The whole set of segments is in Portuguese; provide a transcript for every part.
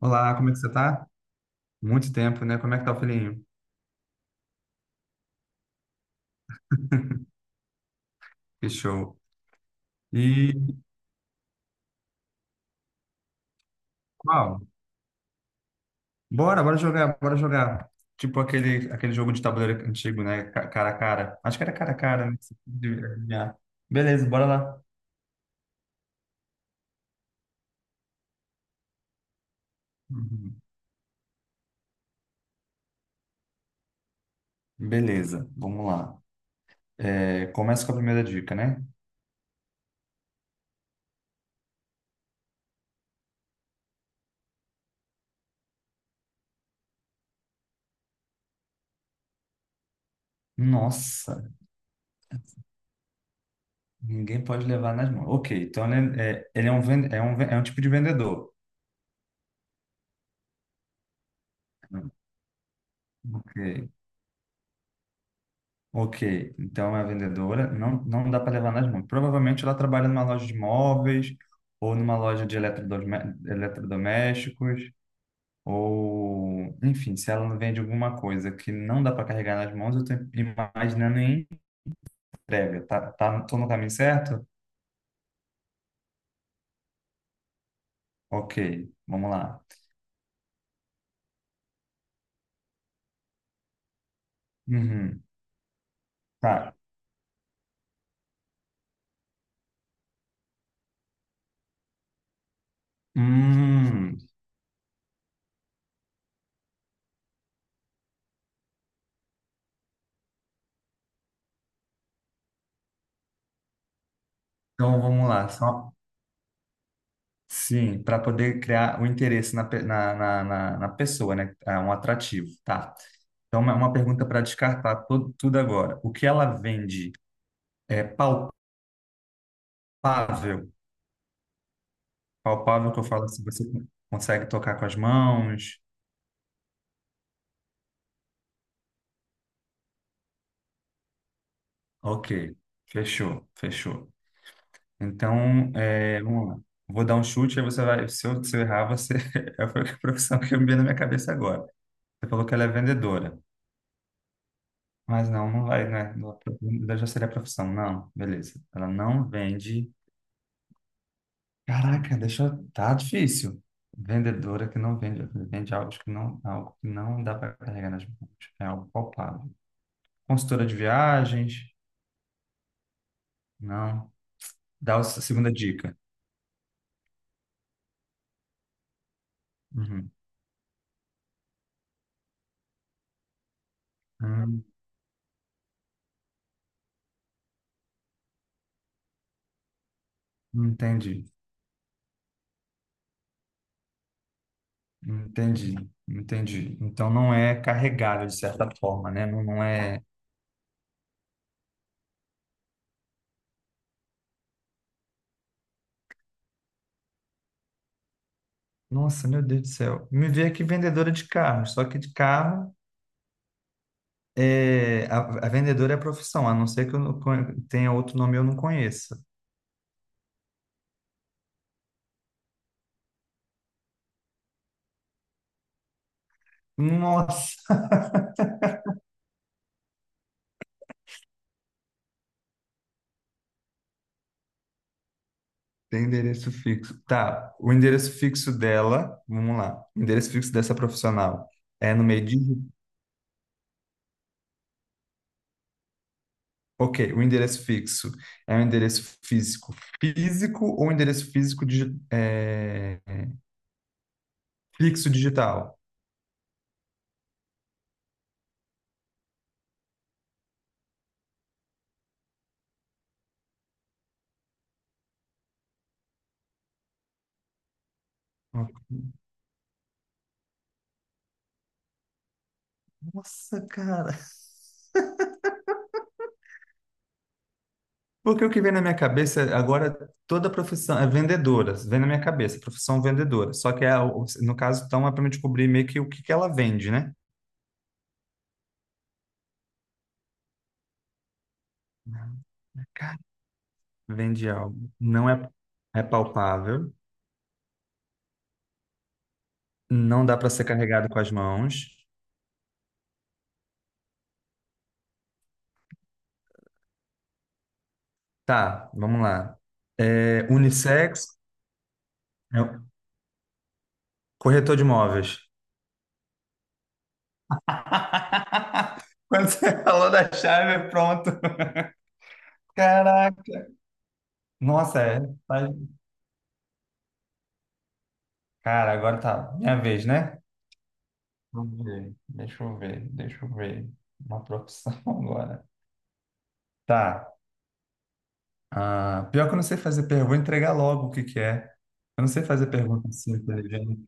Olá, como é que você tá? Muito tempo, né? Como é que tá o filhinho? Que show. E, uau, bora, bora jogar, bora jogar. Tipo aquele jogo de tabuleiro antigo, né? Cara a cara. Acho que era cara a cara, né? Você adivinhar. Beleza, bora lá. Uhum. Beleza, vamos lá. É, começa com a primeira dica, né? Nossa, ninguém pode levar nas mãos. Ok, então ele é, é- ele é um, ven- é um, ven- é um tipo de vendedor. Ok. Ok, então é a vendedora, não dá para levar nas mãos. Provavelmente ela trabalha numa loja de móveis, ou numa loja de eletrodomésticos, ou, enfim, se ela não vende alguma coisa que não dá para carregar nas mãos, eu estou imaginando em entrega. Tá, tô no caminho certo? Ok, vamos lá. Uhum, tá. Hum, então vamos lá. Sim, para poder criar o interesse na, pe- na, na, na, na pessoa, né? É um atrativo, tá? Então, uma pergunta para descartar tudo agora. O que ela vende é palpável? Palpável que eu falo assim, você consegue tocar com as mãos? Ok, fechou. Então, é, vamos lá. Vou dar um chute, aí você vai. Se eu errar, você. É a profissão que eu me veio na minha cabeça agora. Você falou que ela é vendedora. Mas não vai, né? Não, já seria a profissão. Não, beleza. Ela não vende. Caraca, deixa eu... Tá difícil. Vendedora que não vende, vende algo que não dá para carregar nas mãos. É algo palpável. Consultora de viagens? Não. Dá a segunda dica. Uhum. Hum, entendi. Entendi. Entendi. Então não é carregável de certa forma, né? Não, não é. Nossa, meu Deus do céu. Me veio aqui vendedora de carro, só que de carro. A vendedora é a profissão, a não ser que eu não tenha outro nome e eu não conheça. Nossa, tem endereço fixo. Tá, o endereço fixo dela, vamos lá. O endereço fixo dessa profissional é no meio de. Ok, o endereço fixo é um endereço físico ou endereço físico fixo digital? Ok. Nossa, cara. Porque o que vem na minha cabeça é, agora, toda profissão é vendedora, vem na minha cabeça, profissão vendedora. Só que é, o- no caso, então, é para me descobrir meio que o que que ela vende, né? Cara, vende algo. Não é, é palpável, não dá para ser carregado com as mãos. Tá, vamos lá. É, unissex, é, corretor de imóveis. Quando você falou da chave, pronto. Caraca. Nossa, é. Tá. Cara, agora tá minha vez, né? Vamos ver. Deixa eu ver. Uma profissão agora. Tá. Ah, pior que eu não sei fazer pergunta, vou entregar logo o que que é. Eu não sei fazer pergunta assim, inteligente.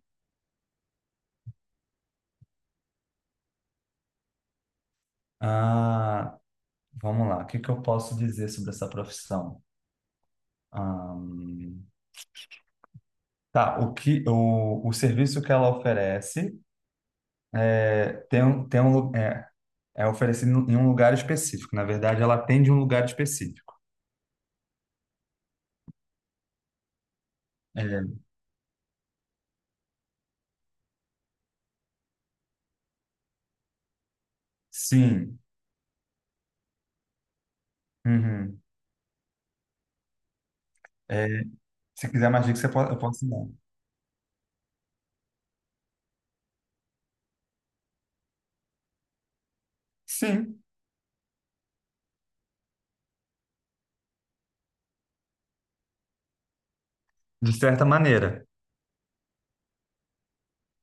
Ah, vamos lá. O que que eu posso dizer sobre essa profissão? Ahn, tá, o serviço que ela oferece é tem um, lu- é, é oferecido em um lugar específico. Na verdade, ela atende um lugar específico. É. Sim. Uhum. É, se quiser mais dicas, eu posso dar. Sim. De certa maneira,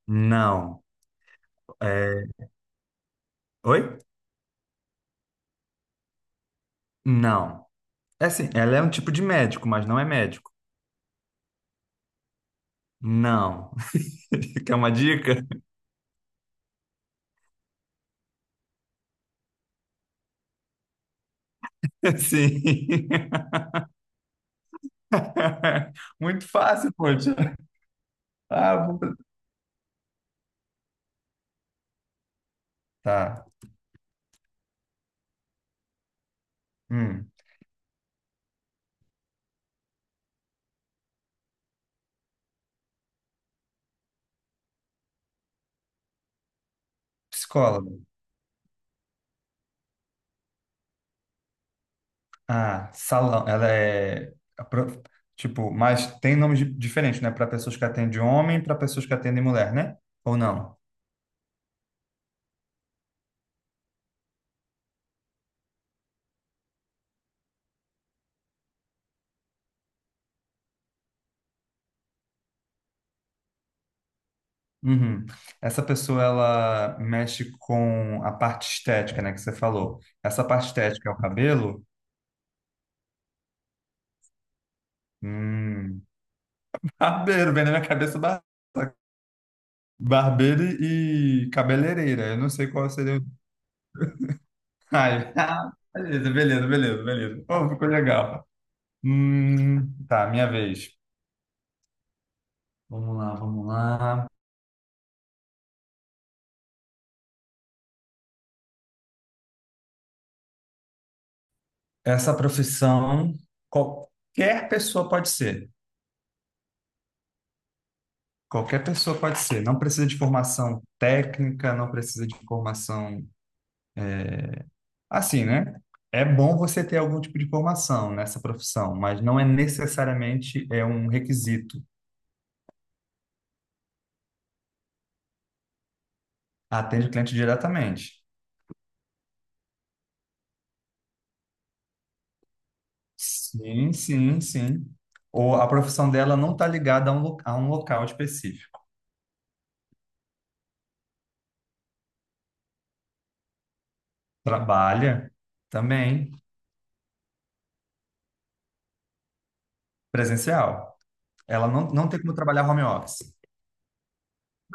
não. É. Oi? Não. É assim, ela é um tipo de médico, mas não é médico. Não. Quer uma dica? Sim. Muito fácil, poxa. Ah, vou- tá. Hum. Psicóloga. Ah, salão. Ela é. A pro- Tipo, mas tem nomes diferentes, né? Para pessoas que atendem homem, para pessoas que atendem mulher, né? Ou não? Uhum. Essa pessoa, ela mexe com a parte estética, né, que você falou. Essa parte estética é o cabelo? Hum. Barbeiro, vem na minha cabeça barbeiro e cabeleireira. Eu não sei qual seria o... Ai, ah, beleza, beleza, beleza, beleza. Oh, ficou legal. Tá, minha vez. Vamos lá. Essa profissão, qualquer pessoa pode ser. Qualquer pessoa pode ser. Não precisa de formação técnica, não precisa de formação. Assim, né? É bom você ter algum tipo de formação nessa profissão, mas não é necessariamente é um requisito. Atende o cliente diretamente. Sim. Ou a profissão dela não está ligada a um, a um local específico. Trabalha também presencial. Ela não tem como trabalhar home office.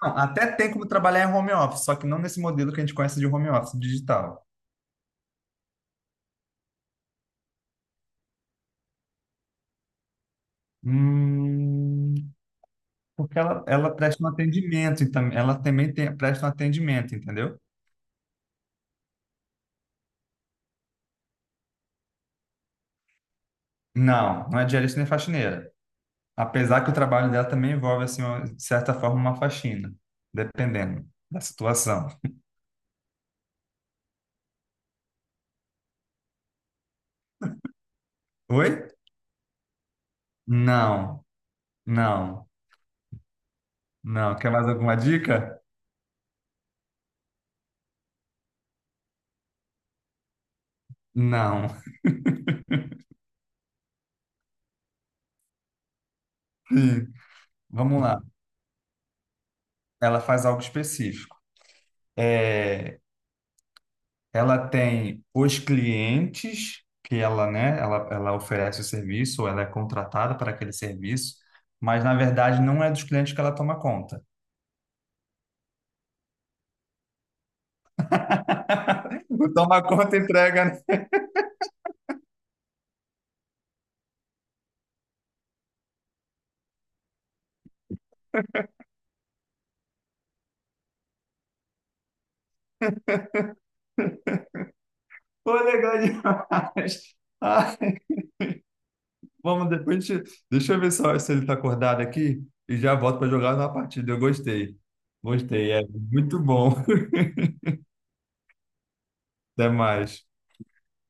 Não, até tem como trabalhar em home office, só que não nesse modelo que a gente conhece de home office digital. Hum, Porque ela presta um atendimento, então ela também tem, presta um atendimento, entendeu? Não, não é diarista nem faxineira. Apesar que o trabalho dela também envolve, assim, de certa forma, uma faxina, dependendo da situação. Oi? Não, não, não. Quer mais alguma dica? Não. Sim. Vamos lá. Ela faz algo específico. Ela tem os clientes que ela oferece o serviço, ou ela é contratada para aquele serviço, mas na verdade não é dos clientes que ela toma conta. O toma conta entrega, né? Pô, legal demais. Ai, vamos depois, a deixa eu ver só se ele tá acordado aqui e já volto para jogar na partida. Eu gostei. Gostei, é muito bom. Até mais.